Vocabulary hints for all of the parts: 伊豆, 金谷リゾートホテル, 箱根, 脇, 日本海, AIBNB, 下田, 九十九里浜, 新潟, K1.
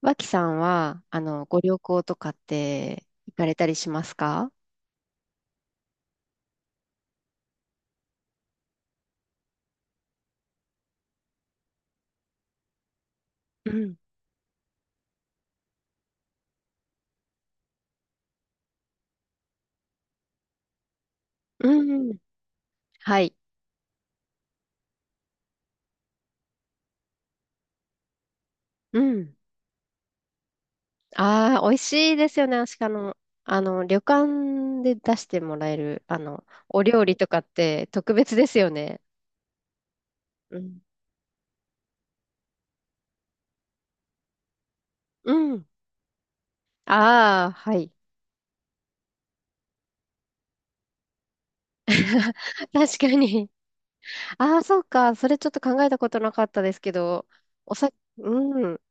脇さんは、ご旅行とかって行かれたりしますか？うん。うん。はい。うん。ああ、美味しいですよね。しかも、旅館で出してもらえる、お料理とかって特別ですよね。うん。うん。ああ、はい。確かに。ああ、そうか。それちょっと考えたことなかったですけど、おさ、うん。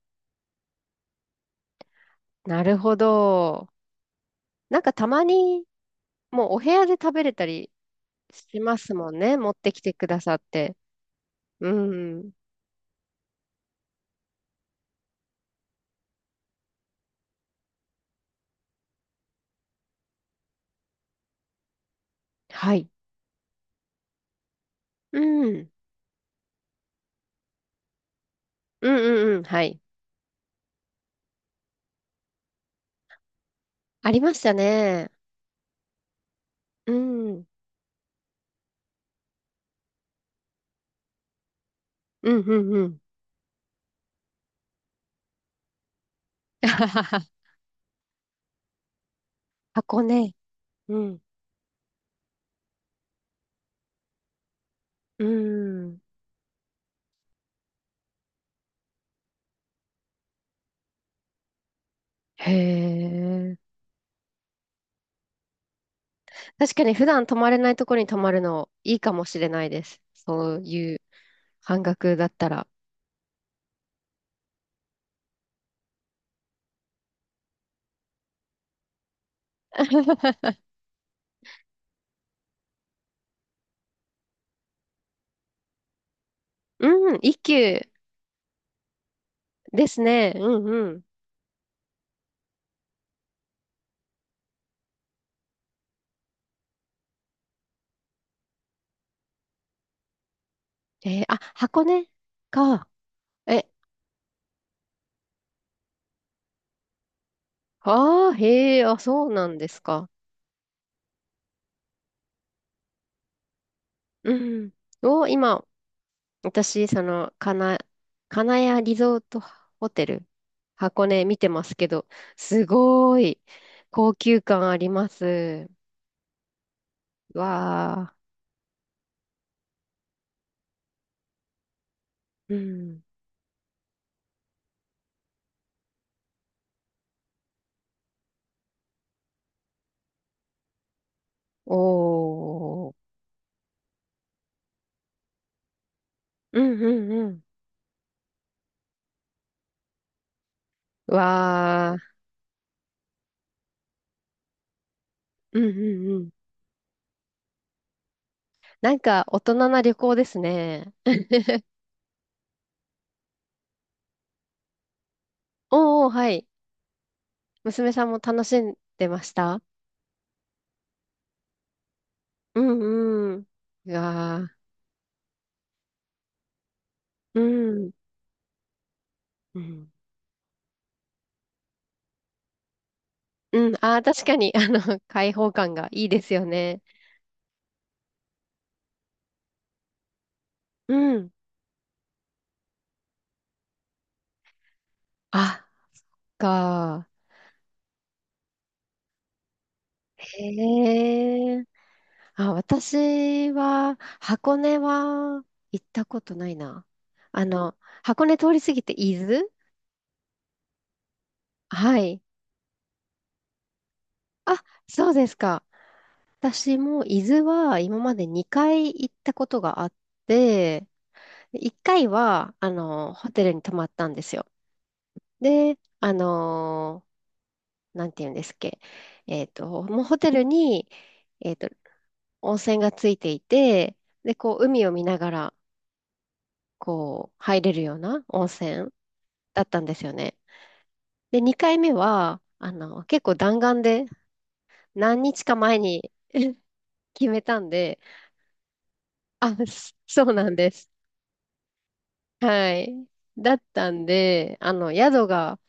なるほど。なんかたまに、もうお部屋で食べれたり、しますもんね。持ってきてくださって。うん。はい。うん。うんうんうん。はい。ありましたね。うん。うんうんうん。あはは。箱ね。うん。うん。へえ。確かに普段泊まれないとこに泊まるのいいかもしれないです。そういう半額だったら。うん。一級ですね。うんうん。あ、箱根か。え、ああ、へえ、あ、そうなんですか。うん。を、今、私、かな、金谷リゾートホテル、箱根見てますけど、すごい高級感あります。わー。うん。おー。うんうんうん。わー。うんうんうん。なんか、大人な旅行ですね。おーおー、はい。娘さんも楽しんでました？うんうん。うわー。うん。うんうん。ああ、確かに、開放感がいいですよね。うん。あ、か。へえ。あ、私は、箱根は行ったことないな。あの、箱根通り過ぎて伊豆。はい。あ、そうですか。私も伊豆は今まで2回行ったことがあって、1回はあのホテルに泊まったんですよ。で、なんていうんですっけ、もうホテルに、えっと、温泉がついていて、で、こう、海を見ながら、こう、入れるような温泉だったんですよね。で、2回目は、あの、結構弾丸で、何日か前に 決めたんで、あ、そうなんです。はい。だったんで、宿が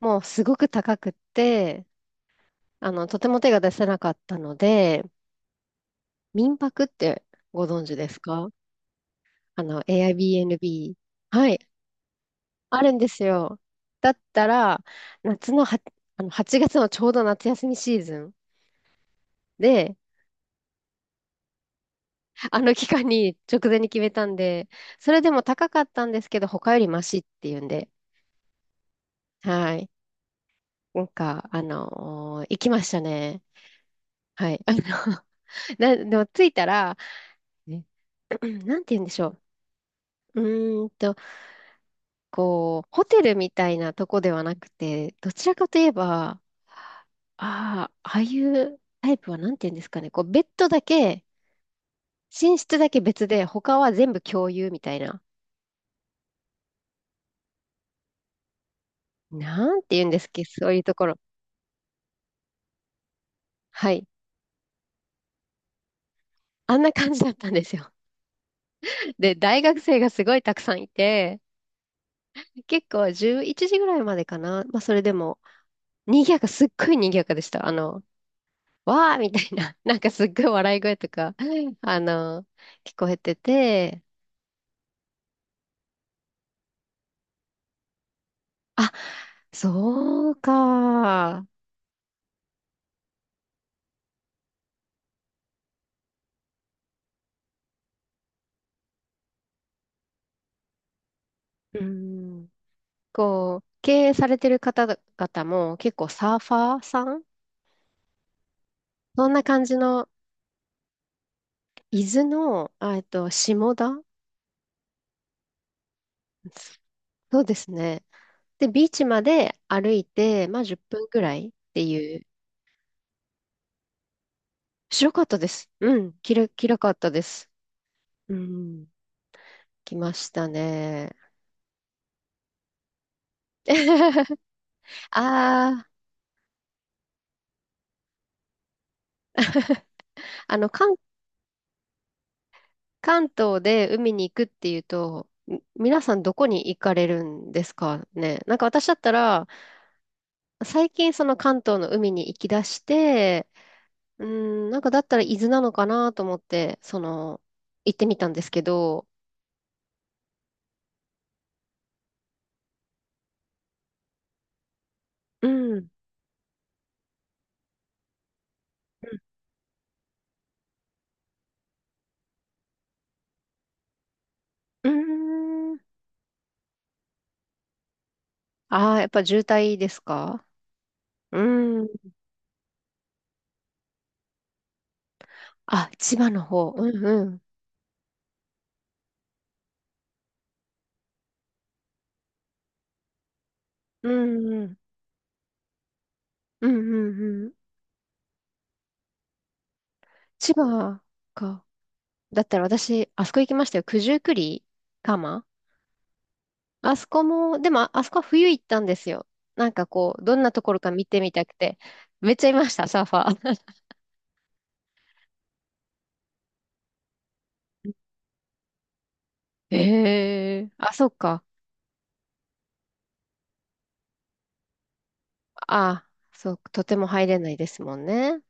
もうすごく高くって、とても手が出せなかったので、民泊ってご存知ですか？あの、AIBNB。はい。あるんですよ。だったら、夏のは、あの8月のちょうど夏休みシーズンで、あの期間に直前に決めたんで、それでも高かったんですけど、他よりマシっていうんで、はい。なんか、行きましたね。はい。あの、でも着いたら、ね なんて言うんでしょう。こう、ホテルみたいなとこではなくて、どちらかといえば、ああ、ああいうタイプはなんて言うんですかね。こう、ベッドだけ、寝室だけ別で、他は全部共有みたいな。なんて言うんですっけ、そういうところ。はい。あんな感じだったんですよ。で、大学生がすごいたくさんいて、結構11時ぐらいまでかな。まあ、それでも、賑やか、すっごい賑やかでした。わーみたいな、なんかすっごい笑い声とか、あの、聞こえてて、あ、そうか。うん。こう、経営されてる方々も結構サーファーさん。そんな感じの、伊豆の、あ、下田。そうですね。で、ビーチまで歩いて、まあ10分ぐらいっていう。白かったです。うん、きらかったです。うん。来ましたね。ああ、あの、関東で海に行くっていうと、皆さんどこに行かれるんですかね。なんか私だったら、最近その関東の海に行き出して、うーん、なんかだったら伊豆なのかなと思って、その、行ってみたんですけど、うん。うんうーん。ああー、やっぱ渋滞ですか？うん。あ、千葉の方。うんうん。うんうん。うんうんうん。千葉か。だったら私、あそこ行きましたよ。九十九里。蒲あそこも、でもあ、あそこは冬行ったんですよ。なんかこう、どんなところか見てみたくて。めっちゃいました、サーファー。ええ、あ、そっか。あ、そう、とても入れないですもんね。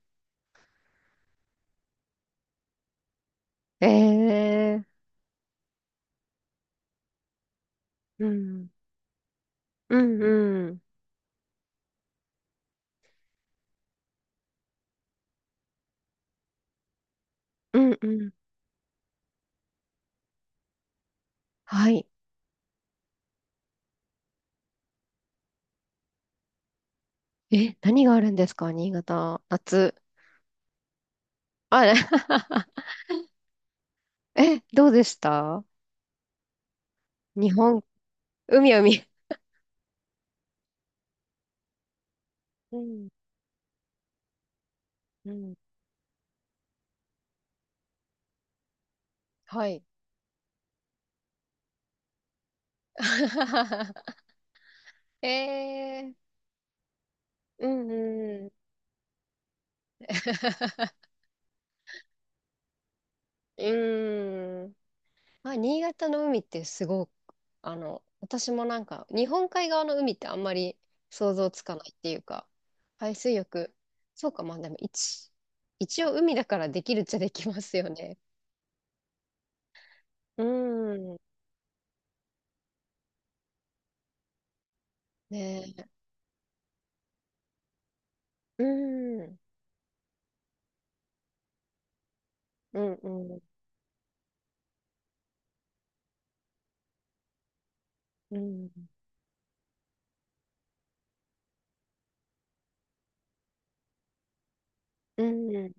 ええ、うん。うんうん。うんうん。はい。え、何があるんですか、新潟。夏。あれ？ え、どうでした？日本、海海。うん、うん。はい。ええ、うんうん。うーん。まあ、新潟の海ってすごく、あの、私もなんか、日本海側の海ってあんまり想像つかないっていうか、海水浴、そうか、まあでも一応海だからできるっちゃできますよね。うーん。ねえ。うーん。うんうん。うん。うん。